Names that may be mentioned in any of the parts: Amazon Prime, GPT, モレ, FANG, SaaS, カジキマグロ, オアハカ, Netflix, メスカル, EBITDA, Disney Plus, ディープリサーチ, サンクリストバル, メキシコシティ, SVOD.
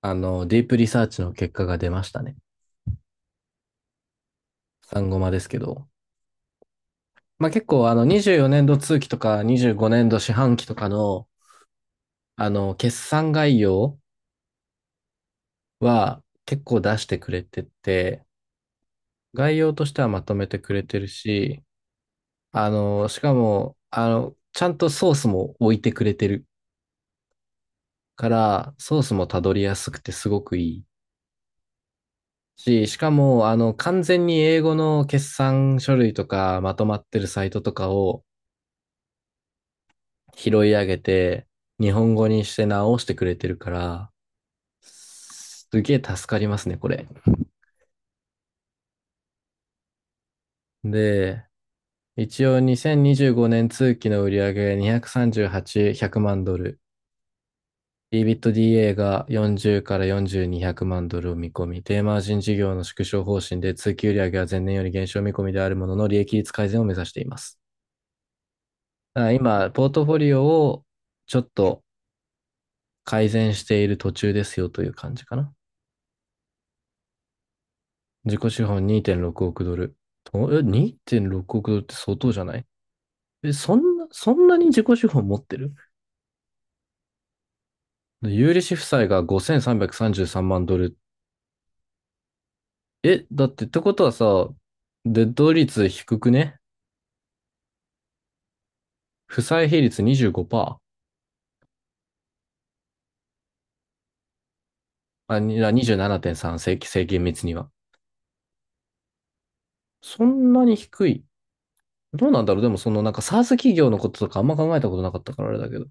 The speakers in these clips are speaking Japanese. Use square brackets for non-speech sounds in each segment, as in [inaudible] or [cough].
ディープリサーチの結果が出ましたね。産ゴマですけど。まあ、結構、24年度通期とか25年度四半期とかの、決算概要は結構出してくれてて、概要としてはまとめてくれてるし、しかも、ちゃんとソースも置いてくれてるから、ソースもたどりやすくてすごくいいし、しかも、完全に英語の決算書類とかまとまってるサイトとかを、拾い上げて、日本語にして直してくれてるから、すげえ助かりますね、これ。で、一応2025年通期の売上238、100万ドル。EBITDA が40から4200万ドルを見込み、低マージン事業の縮小方針で通期売上は前年より減少見込みであるものの利益率改善を目指しています。だから今、ポートフォリオをちょっと改善している途中ですよという感じかな。自己資本2.6億ドル。2.6億ドルって相当じゃない？そんなに自己資本持ってる？有利子負債が5333万ドル。だってってことはさ、デッド率低くね？負債比率25%。あ、27.3、正規密には。そんなに低い。どうなんだろう。でも、そのなんか SaaS 企業のこととかあんま考えたことなかったからあれだけど。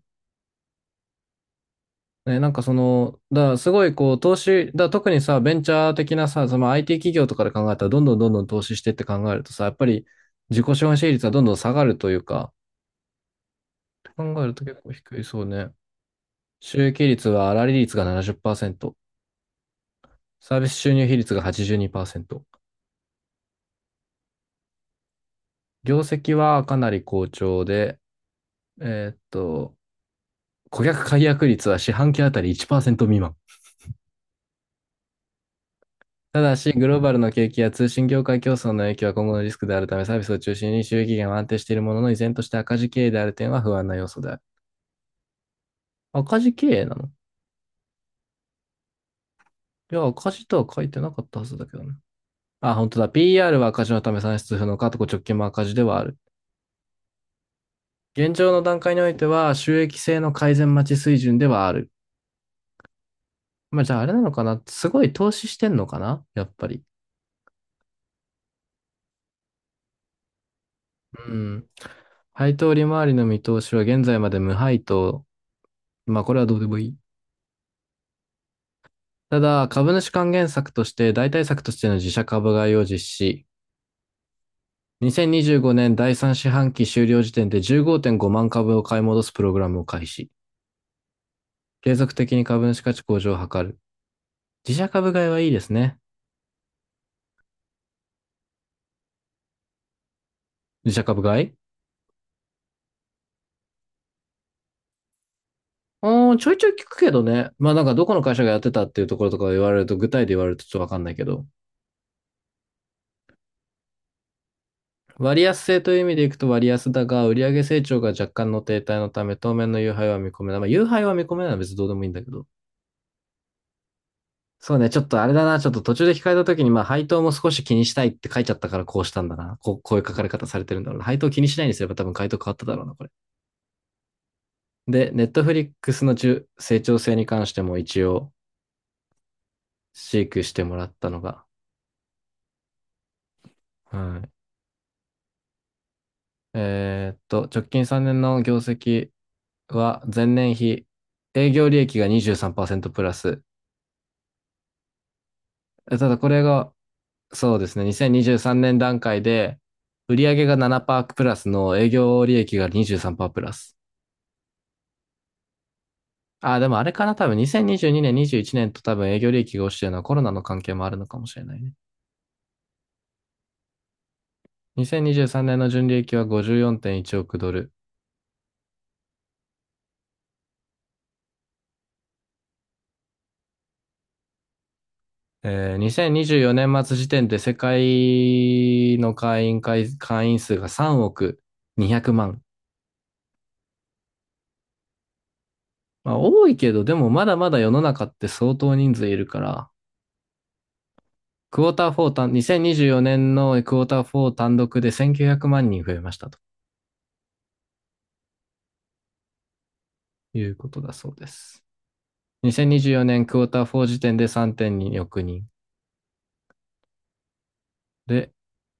ね、なんかその、だからすごいこう投資、だから特にさ、ベンチャー的なさ、その IT 企業とかで考えたら、どんどんどんどん投資してって考えるとさ、やっぱり自己資本比率はどんどん下がるというか、って考えると結構低いそうね。収益率は粗利率が70%、サービス収入比率が82%、業績はかなり好調で、えーっと、顧客解約率は四半期あたり1%未満。ただし、グローバルの景気や通信業界競争の影響は今後のリスクであるため、サービスを中心に収益源は安定しているものの、依然として赤字経営である点は不安な要素である。赤字経営なの？いや、赤字とは書いてなかったはずだけどね。あ、本当だ。PR は赤字のため算出不能か、と直近も赤字ではある。現状の段階においては、収益性の改善待ち水準ではある。まあ、じゃああれなのかな、すごい投資してんのかなやっぱり。うん。配当利回りの見通しは現在まで無配当。まあ、これはどうでもいい。ただ、株主還元策として代替策としての自社株買いを実施。2025年第3四半期終了時点で15.5万株を買い戻すプログラムを開始。継続的に株主価値向上を図る。自社株買いはいいですね。自社株買い。うん、ちょいちょい聞くけどね。まあなんかどこの会社がやってたっていうところとか言われると、具体で言われるとちょっとわかんないけど。割安性という意味でいくと割安だが、売上成長が若干の停滞のため、当面の優配は見込めない。まあ、優配は見込めないのは別にどうでもいいんだけど。そうね、ちょっとあれだな、ちょっと途中で控えた時に、まあ、配当も少し気にしたいって書いちゃったからこうしたんだな。こう、こういう書かれ方されてるんだろうな。配当気にしないにすれば多分回答変わっただろうな、これ。で、ネットフリックスの中成長性に関しても一応、飼育してもらったのが、はい。直近3年の業績は、前年比、営業利益が23%プラス。ただこれが、そうですね、2023年段階で、売上が7%プラスの営業利益が23%プラス。あ、でもあれかな、多分2022年、21年と多分営業利益が落ちてるのはコロナの関係もあるのかもしれないね。2023年の純利益は54.1億ドル。えー、2024年末時点で世界の会員数が3億200万。まあ多いけど、でもまだまだ世の中って相当人数いるから、クォーター4単、2024年のクォーター4単独で1900万人増えましたということだそうです。2024年クォーター4時点で3.2億人。で、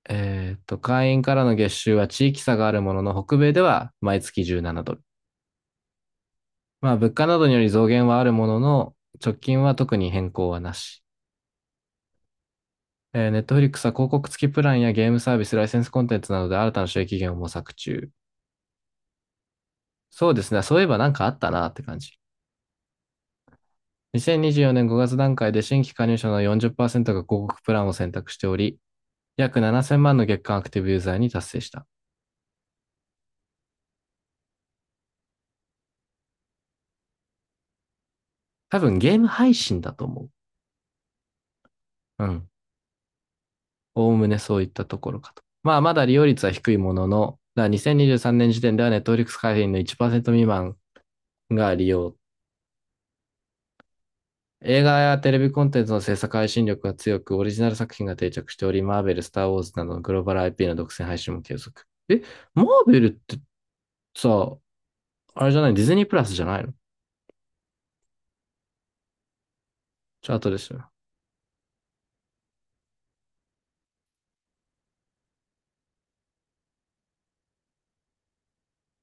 会員からの月収は地域差があるものの、北米では毎月17ドル。まあ、物価などにより増減はあるものの、直近は特に変更はなし。Netflix は広告付きプランやゲームサービス、ライセンスコンテンツなどで新たな収益源を模索中。そうですね。そういえばなんかあったなって感じ。2024年5月段階で新規加入者の40%が広告プランを選択しており、約7000万の月間アクティブユーザーに達成した。多分ゲーム配信だと思う。うん。おおむねそういったところかと。まあ、まだ利用率は低いものの、2023年時点では Netflix 会員の1%未満が利用。映画やテレビコンテンツの制作配信力が強く、オリジナル作品が定着しており、マーベル、スター・ウォーズなどのグローバル IP の独占配信も継続。え、マーベルってさ、あれじゃない？ディズニープラスじゃないの？チャートですよね。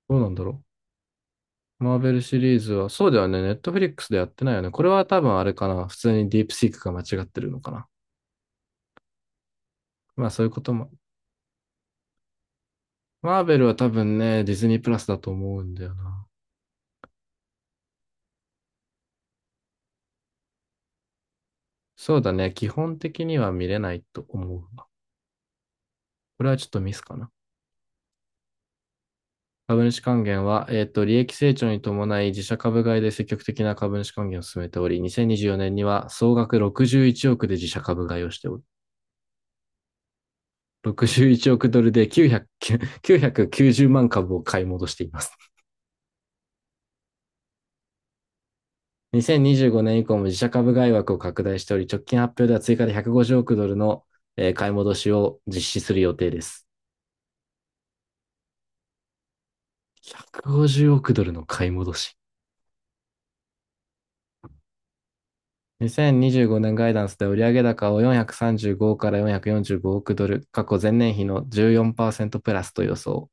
どうなんだろう。マーベルシリーズは、そうだよね。ネットフリックスでやってないよね。これは多分あれかな。普通にディープシークが間違ってるのかな。まあそういうことも。マーベルは多分ね、ディズニープラスだと思うんだよな。そうだね。基本的には見れないと思うわ。これはちょっとミスかな。株主還元は、利益成長に伴い自社株買いで積極的な株主還元を進めており、2024年にじゅうよねんには総額61億で自社株買いをしておる。61億ドルで900 990万株を買い戻しています。2025年以降も自社株買い枠を拡大しており、直近発表では追加で150億ドルの買い戻しを実施する予定です。150億ドルの買い戻し。2025年ガイダンスで売上高を435から445億ドル、過去前年比の14%プラスと予想。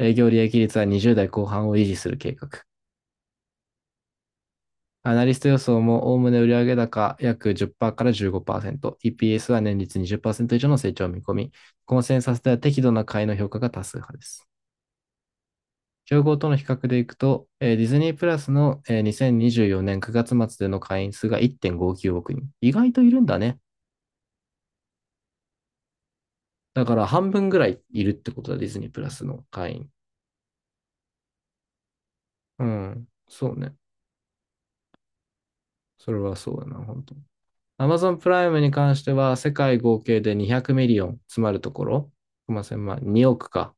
営業利益率は20代後半を維持する計画。アナリスト予想もおおむね売上高約10%から15%、EPS は年率20%以上の成長を見込み、コンセンサスでは適度な買いの評価が多数派です。競合との比較でいくと、ディズニープラスの、2024年9月末での会員数が1.59億人。意外といるんだね。だから半分ぐらいいるってことだ、ディズニープラスの会員。うん、そうね。それはそうだな、本当。Amazon プライムに関しては、世界合計で200ミリオン、つまるところ、すいません、まあ2億か。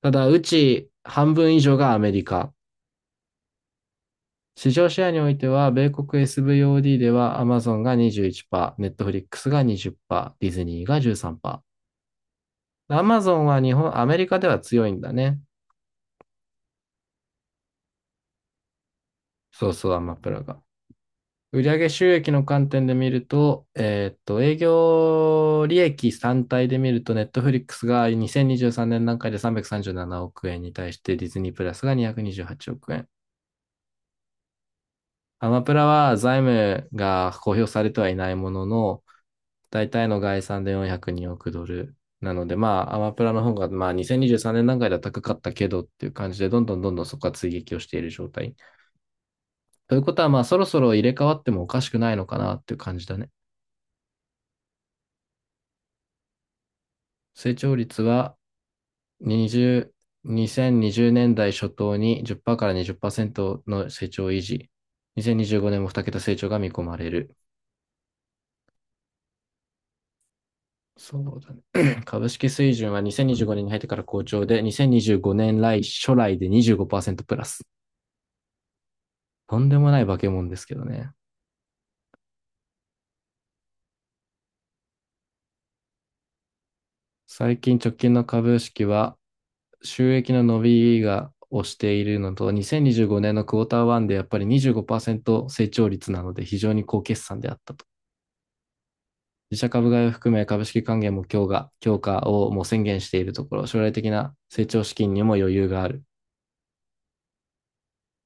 ただ、うち半分以上がアメリカ。市場シェアにおいては、米国 SVOD では Amazon が21%、Netflix が20%、ディズニーが13%。Amazon は日本、アメリカでは強いんだね。そうそう、アマプラが。売上収益の観点で見ると、営業利益単体で見ると、Netflix が2023年段階で337億円に対して、ディズニープラスが228億円。アマプラは財務が公表されてはいないものの、大体の概算で402億ドル。なので、まあ、アマプラの方が、まあ、2023年段階では高かったけどっていう感じで、どんどんどんどんそこは追撃をしている状態。ということは、まあ、そろそろ入れ替わってもおかしくないのかなっていう感じだね。成長率は20、2020年代初頭に10%から20%の成長維持。2025年も2桁成長が見込まれる。そうだね。[clears throat] [laughs] 株式水準は2025年にじゅうごねんに入ってから好調で、2025年来初来で25%プラス。とんでもない化け物ですけどね。最近直近の株式は収益の伸びがをしているのと、2025年のクォーター1でやっぱり25%成長率なので非常に高決算であったと。自社株買いを含め株式還元も強化をもう宣言しているところ、将来的な成長資金にも余裕がある。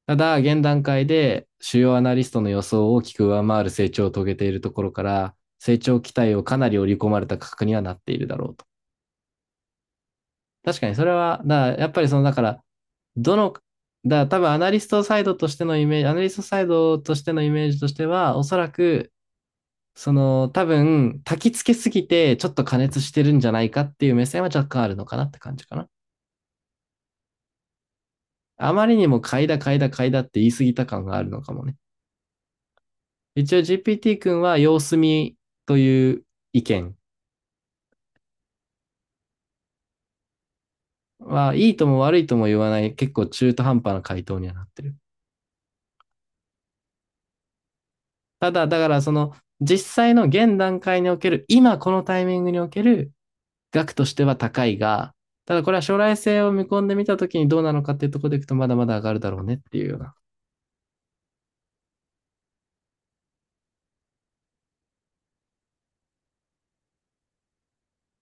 ただ、現段階で主要アナリストの予想を大きく上回る成長を遂げているところから、成長期待をかなり織り込まれた価格にはなっているだろうと。確かにそれは、やっぱりその、だから、どの、だ多分アナリストサイドとしてのイメージ、アナリストサイドとしてのイメージとしては、おそらく、その、多分、焚き付けすぎて、ちょっと過熱してるんじゃないかっていう目線は若干あるのかなって感じかな。あまりにも買いだ買いだ買いだって言い過ぎた感があるのかもね。一応 GPT 君は様子見という意見は、いいとも悪いとも言わない、結構中途半端な回答にはなってる。ただ、だからその実際の現段階における、今このタイミングにおける額としては高いが、ただこれは将来性を見込んでみたときにどうなのかっていうところでいくとまだまだ上がるだろうねっていうような。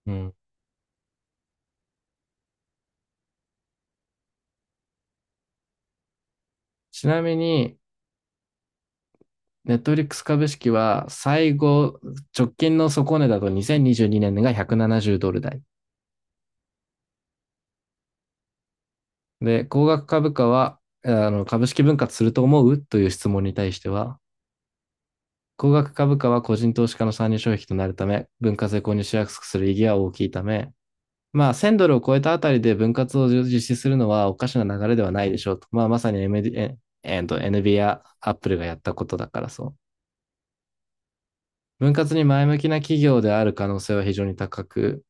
うん、ちなみに、ネットフリックス株式は最後、直近の底値だと2022年が170ドル台。で、高額株価は、株式分割すると思うという質問に対しては、高額株価は個人投資家の参入障壁となるため、分割で購入しやすくする意義は大きいため、まあ、1000ドルを超えたあたりで分割を実施するのはおかしな流れではないでしょうと。まあ、まさに MD、NB や Apple がやったことだからそう。分割に前向きな企業である可能性は非常に高く、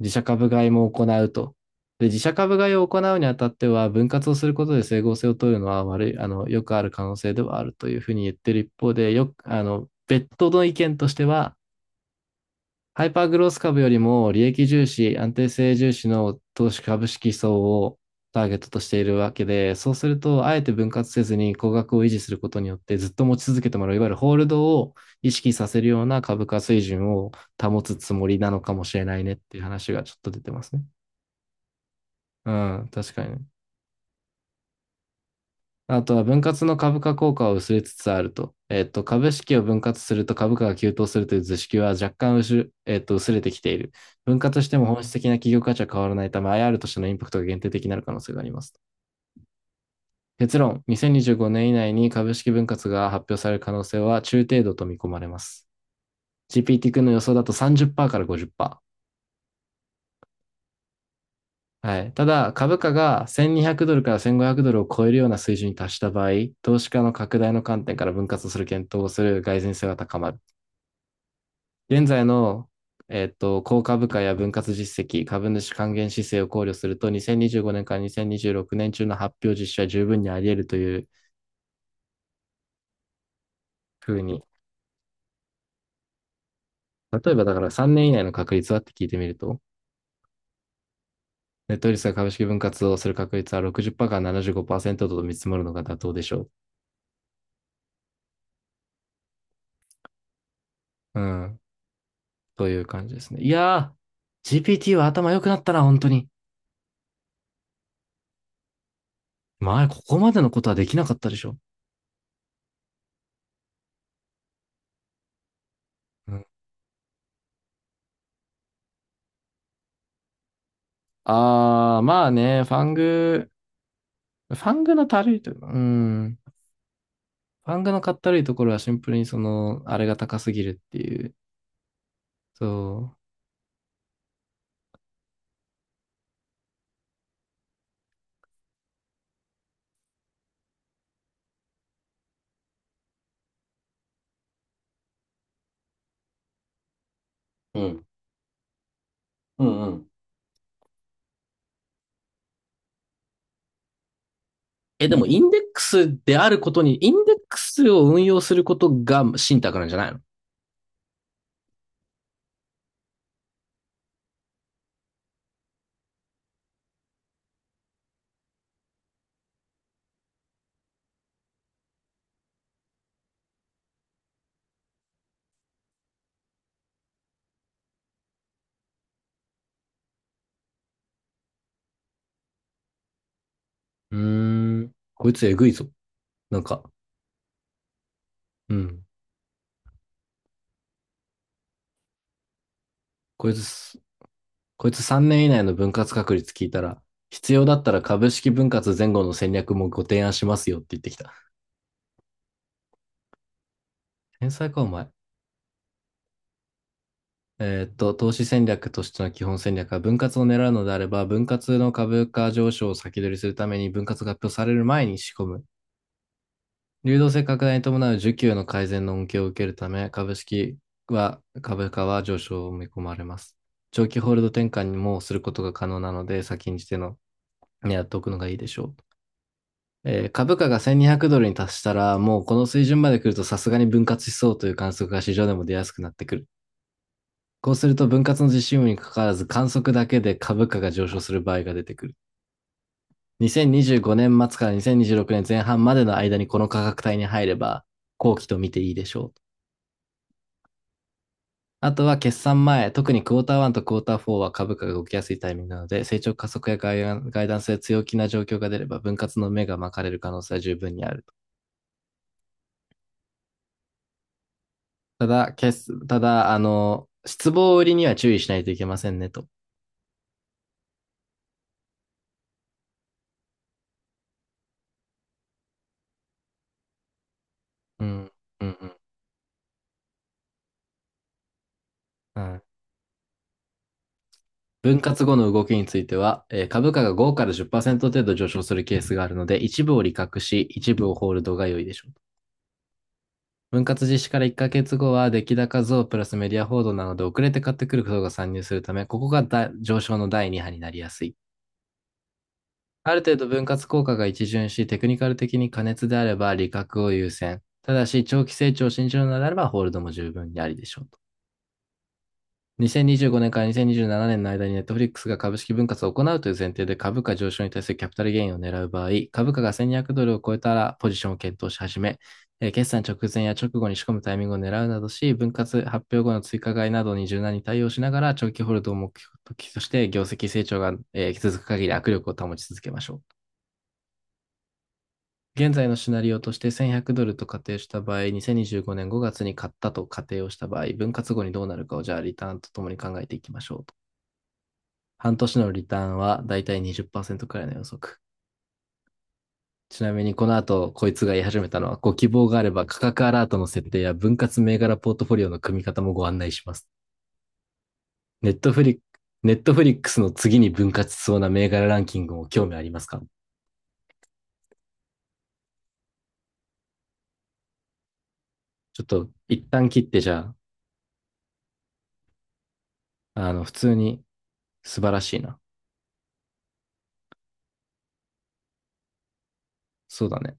自社株買いも行うと。で、自社株買いを行うにあたっては、分割をすることで整合性を取るのは悪い、よくある可能性ではあるというふうに言ってる一方で、よく、別途の意見としては、ハイパーグロース株よりも利益重視、安定性重視の投資株式層をターゲットとしているわけで、そうすると、あえて分割せずに高額を維持することによって、ずっと持ち続けてもらう、いわゆるホールドを意識させるような株価水準を保つつもりなのかもしれないねっていう話がちょっと出てますね。うん、確かにね。あとは分割の株価効果は薄れつつあると。株式を分割すると株価が急騰するという図式は若干薄、えっと、薄れてきている。分割しても本質的な企業価値は変わらないため、IR としてのインパクトが限定的になる可能性があります。結論、2025年以内に株式分割が発表される可能性は中程度と見込まれます。GPT 君の予想だと30%から50%。はい。ただ、株価が1200ドルから1500ドルを超えるような水準に達した場合、投資家の拡大の観点から分割する検討をする蓋然性が高まる。現在の、高株価や分割実績、株主還元姿勢を考慮すると、2025年から2026年中の発表実施は十分にあり得るというふうに、例えばだから3年以内の確率はって聞いてみると、ネットリスが株式分割をする確率は60%から75%と見積もるのが妥当でしょう。うん。という感じですね。いやー、GPT は頭良くなったな、本当に。前、ここまでのことはできなかったでしょ。うん、あー、まあね、ファングのたるいというか、うん。漫画のかったるいところはシンプルにその、あれが高すぎるっていう。そう。うん。うんうん。でも、インデックスであることに、インデックスを運用することが信託なんじゃないの？こいつえぐいぞ。なんか、うん。こいつ、こいつ3年以内の分割確率聞いたら、必要だったら株式分割前後の戦略もご提案しますよって言ってきた。天才か、お前。投資戦略としての基本戦略は、分割を狙うのであれば、分割の株価上昇を先取りするために、分割が発表される前に仕込む。流動性拡大に伴う需給の改善の恩恵を受けるため、株価は上昇を見込まれます。長期ホールド転換にもすることが可能なので、先んじての、やっておくのがいいでしょう。株価が1200ドルに達したら、もうこの水準まで来るとさすがに分割しそうという観測が市場でも出やすくなってくる。こうすると分割の実施有無にかかわらず観測だけで株価が上昇する場合が出てくる。2025年末から2026年前半までの間にこの価格帯に入れば後期と見ていいでしょう。あとは決算前、特にクォーター1とクォーター4は株価が動きやすいタイミングなので、成長加速やガイダンスで強気な状況が出れば分割の目が巻かれる可能性は十分にあると。ただ、失望売りには注意しないといけませんねと。うん、うん、うん。うん。分割後の動きについては、株価が5から10%程度上昇するケースがあるので、一部を利確し、一部をホールドが良いでしょう。分割実施から1ヶ月後は、出来高増プラスメディア報道なので、遅れて買ってくる人が参入するため、ここがだ上昇の第2波になりやすい。ある程度分割効果が一巡し、テクニカル的に過熱であれば利確を優先。ただし、長期成長を信じるのであれば、ホールドも十分にありでしょうと。2025年から2027年の間に Netflix が株式分割を行うという前提で株価上昇に対するキャピタルゲインを狙う場合、株価が1200ドルを超えたらポジションを検討し始め、決算直前や直後に仕込むタイミングを狙うなどし、分割発表後の追加買いなどに柔軟に対応しながら長期ホールドを目標として業績成長が、続く限り握力を保ち続けましょう。現在のシナリオとして1100ドルと仮定した場合、2025年5月に買ったと仮定をした場合、分割後にどうなるかをじゃあリターンとともに考えていきましょうと。半年のリターンはだいたい20%くらいの予測。ちなみにこの後、こいつが言い始めたのは、ご希望があれば価格アラートの設定や分割銘柄ポートフォリオの組み方もご案内します。ネットフリック、ネットフリックスの次に分割しそうな銘柄ランキングも興味ありますか？ちょっと一旦切ってじゃあ、普通に素晴らしいな。そうだね。